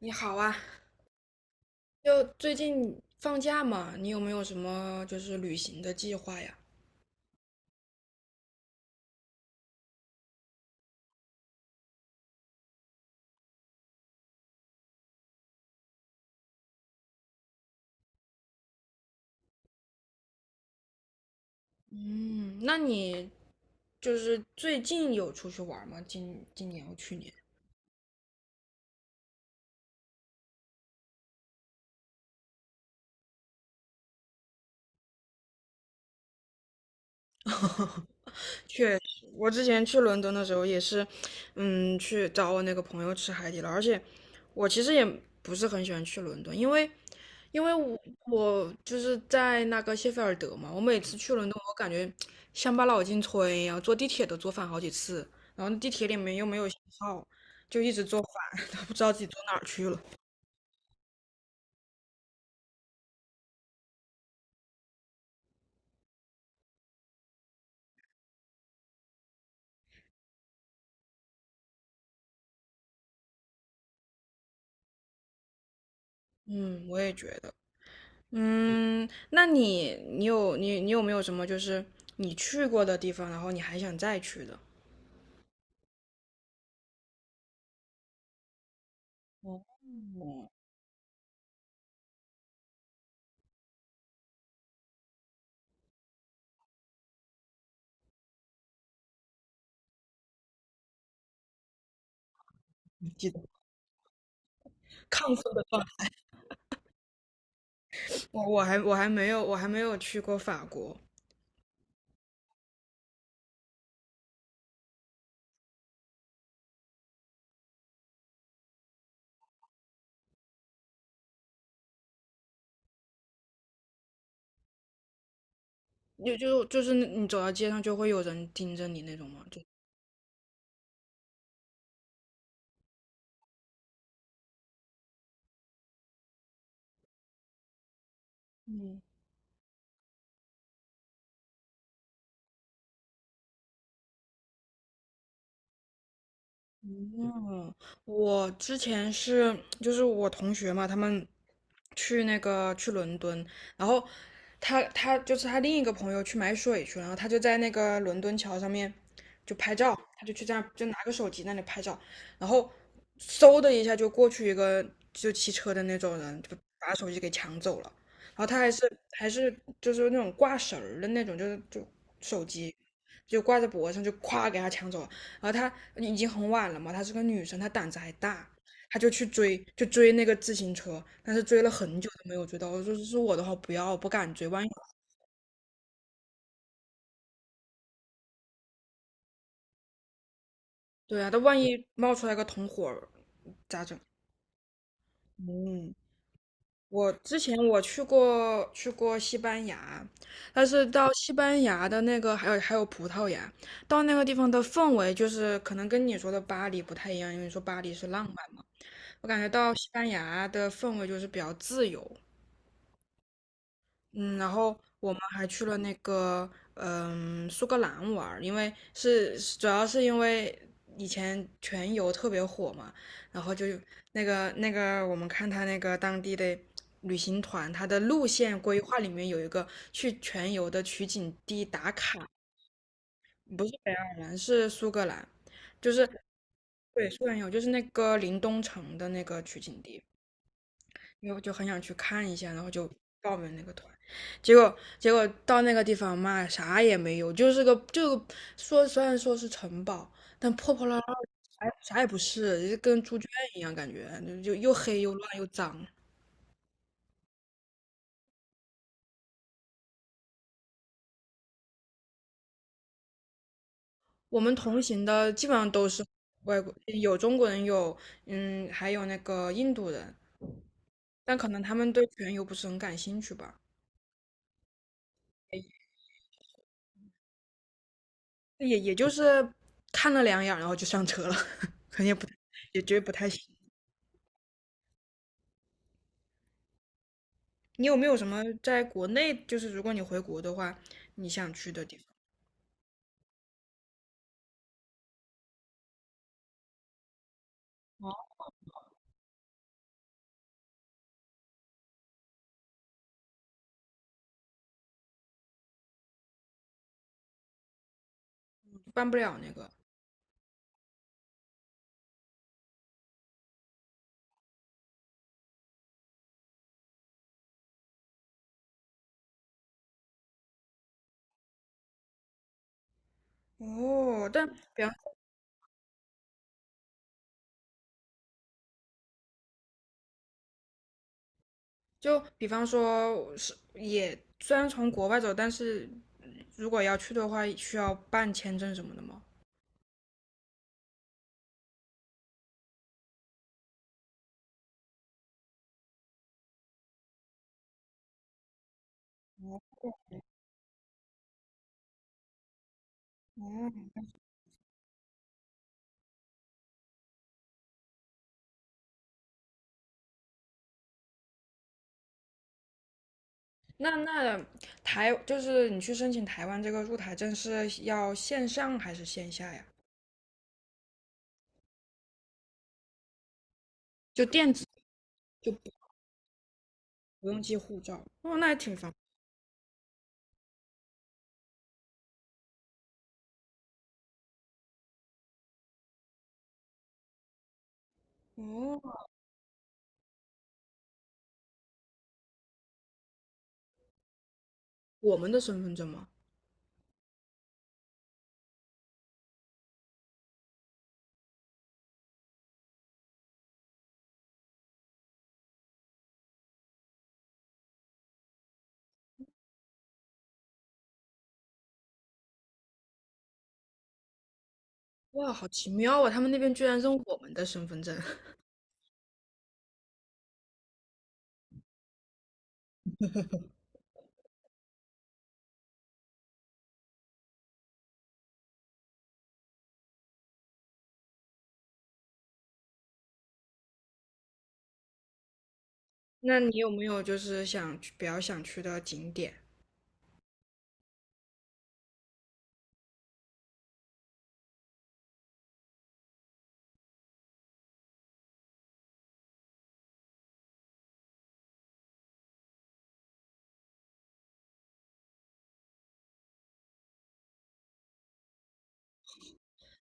你好啊，就最近放假嘛，你有没有什么就是旅行的计划呀？嗯，那你就是最近有出去玩吗？今年或去年？我之前去伦敦的时候也是，嗯，去找我那个朋友吃海底捞，而且我其实也不是很喜欢去伦敦，因为因为我就是在那个谢菲尔德嘛，我每次去伦敦，我感觉乡巴佬进村一样，坐地铁都坐反好几次，然后地铁里面又没有信号，就一直坐反，都不知道自己坐哪儿去了。嗯，我也觉得。嗯，那你有没有什么就是你去过的地方，然后你还想再去的？哦，你记得亢奋的话，我还没有我还没有去过法国，就是你走到街上就会有人盯着你那种吗？就嗯，我之前是就是我同学嘛，他们去那个去伦敦，然后他就是他另一个朋友去买水去了，然后他就在那个伦敦桥上面就拍照，他就去这样就拿个手机那里拍照，然后嗖的一下就过去一个就骑车的那种人，就把手机给抢走了，然后他还是还是就是那种挂绳儿的那种，就是就手机就挂在脖子上就咵给他抢走了。然后她已经很晚了嘛，她是个女生，她胆子还大，她就去追，就追那个自行车，但是追了很久都没有追到。我说是我的话不要，我不敢追，万一……对啊，他万一冒出来个同伙儿咋整？嗯，我之前去过去过西班牙，但是到西班牙的那个还有葡萄牙，到那个地方的氛围就是可能跟你说的巴黎不太一样，因为你说巴黎是浪漫嘛，我感觉到西班牙的氛围就是比较自由。嗯，然后我们还去了那个嗯苏格兰玩儿，因为是主要是因为以前全游特别火嘛，然后就那个我们看他那个当地的旅行团，他的路线规划里面有一个去全游的取景地打卡。不是北爱尔兰，是苏格兰，就是对苏格兰有就是那个林东城的那个取景地。因为我就很想去看一下，然后就报名那个团，结果到那个地方嘛，啥也没有，就是个就说虽然说是城堡，但破破烂烂，啥也不是，就是跟猪圈一样，感觉就就又黑又乱又脏。我们同行的基本上都是外国，有中国人，有嗯，还有那个印度人，但可能他们对全游不是很感兴趣吧，也就是看了两眼，然后就上车了，可能也不也觉得不太行。你有没有什么在国内，就是如果你回国的话，你想去的地方？办不了那个。哦，但比方比方说是也虽然从国外走，但是如果要去的话，需要办签证什么的吗？那台就是你去申请台湾这个入台证是要线上还是线下呀？就电子就不不用寄护照。哦，那还挺方便。哦，我们的身份证吗？哇，好奇妙啊！他们那边居然认我们的身份证。那你有没有就是想去比较想去的景点？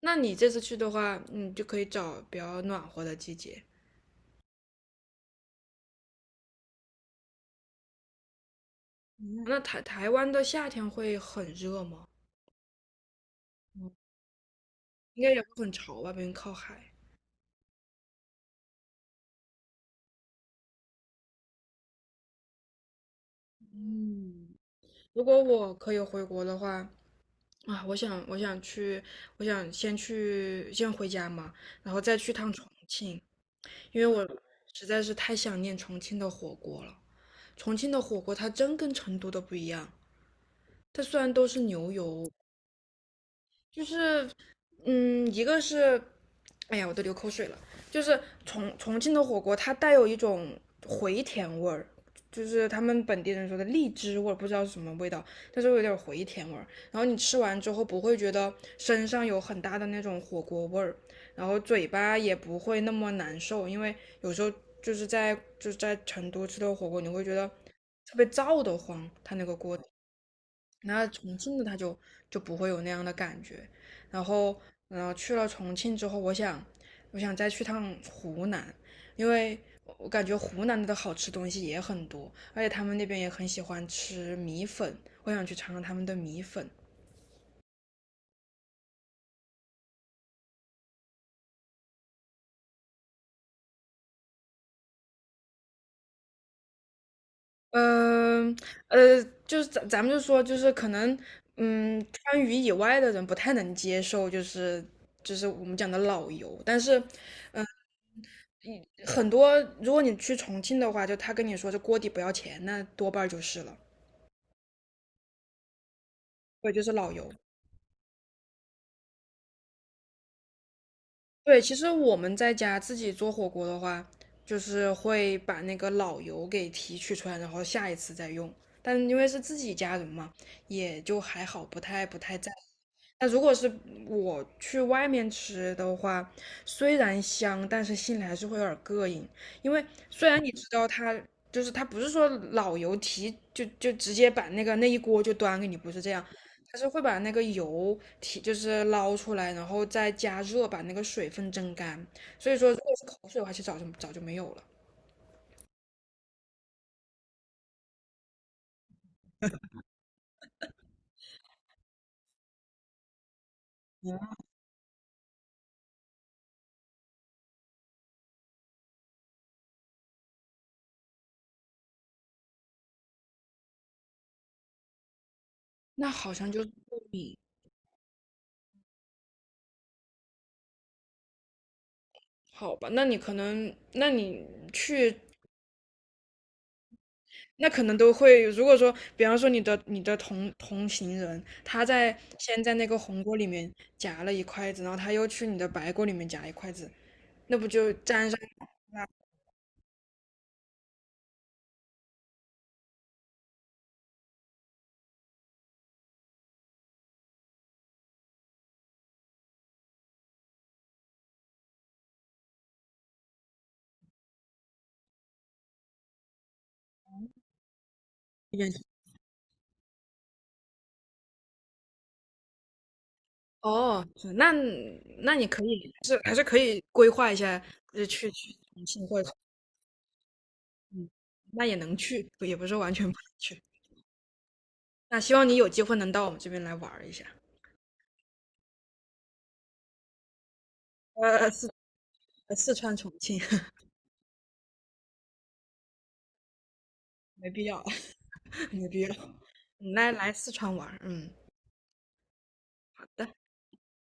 那你这次去的话，你就可以找比较暖和的季节。那台湾的夏天会很热吗？嗯应该也会很潮吧，毕竟靠海。嗯，如果我可以回国的话，啊，我想去，我想先去先回家嘛，然后再去趟重庆，因为我实在是太想念重庆的火锅了。重庆的火锅它真跟成都的不一样，它虽然都是牛油就是，嗯，一个是，哎呀，我都流口水了。就是重庆的火锅，它带有一种回甜味儿，就是他们本地人说的荔枝味儿，不知道是什么味道，但是有点回甜味儿。然后你吃完之后不会觉得身上有很大的那种火锅味儿，然后嘴巴也不会那么难受，因为有时候就是在成都吃的火锅，你会觉得特别燥得慌，它那个锅底。那重庆的他就就不会有那样的感觉。然后，然后去了重庆之后，我想，我想再去趟湖南，因为我感觉湖南的好吃东西也很多，而且他们那边也很喜欢吃米粉，我想去尝尝他们的米粉。嗯，呃，就是咱们就说，就是可能，嗯，川渝以外的人不太能接受，就是我们讲的老油，但是很多，如果你去重庆的话，就他跟你说这锅底不要钱，那多半儿就是了。对，就是老油。对，其实我们在家自己做火锅的话，就是会把那个老油给提取出来，然后下一次再用。但因为是自己家人嘛，也就还好，不太在意。那如果是我去外面吃的话，虽然香，但是心里还是会有点膈应，因为虽然你知道它就是它不是说老油提就就直接把那个那一锅就端给你，不是这样，它是会把那个油提就是捞出来，然后再加热把那个水分蒸干，所以说如果是口水的话，其实早就没有了。那好像就是糯米，好吧？那你可能去那可能都会，如果说，比方说你的同行人，他在先在那个红锅里面夹了一筷子，然后他又去你的白锅里面夹一筷子，那不就沾上一点？哦，是那那你可以是还是可以规划一下，呃，去重庆或者嗯，那也能去，也不是完全不能去。那希望你有机会能到我们这边来玩儿一下，呃，四呃四川重庆 没必要，没必要，你来四川玩儿嗯，好的。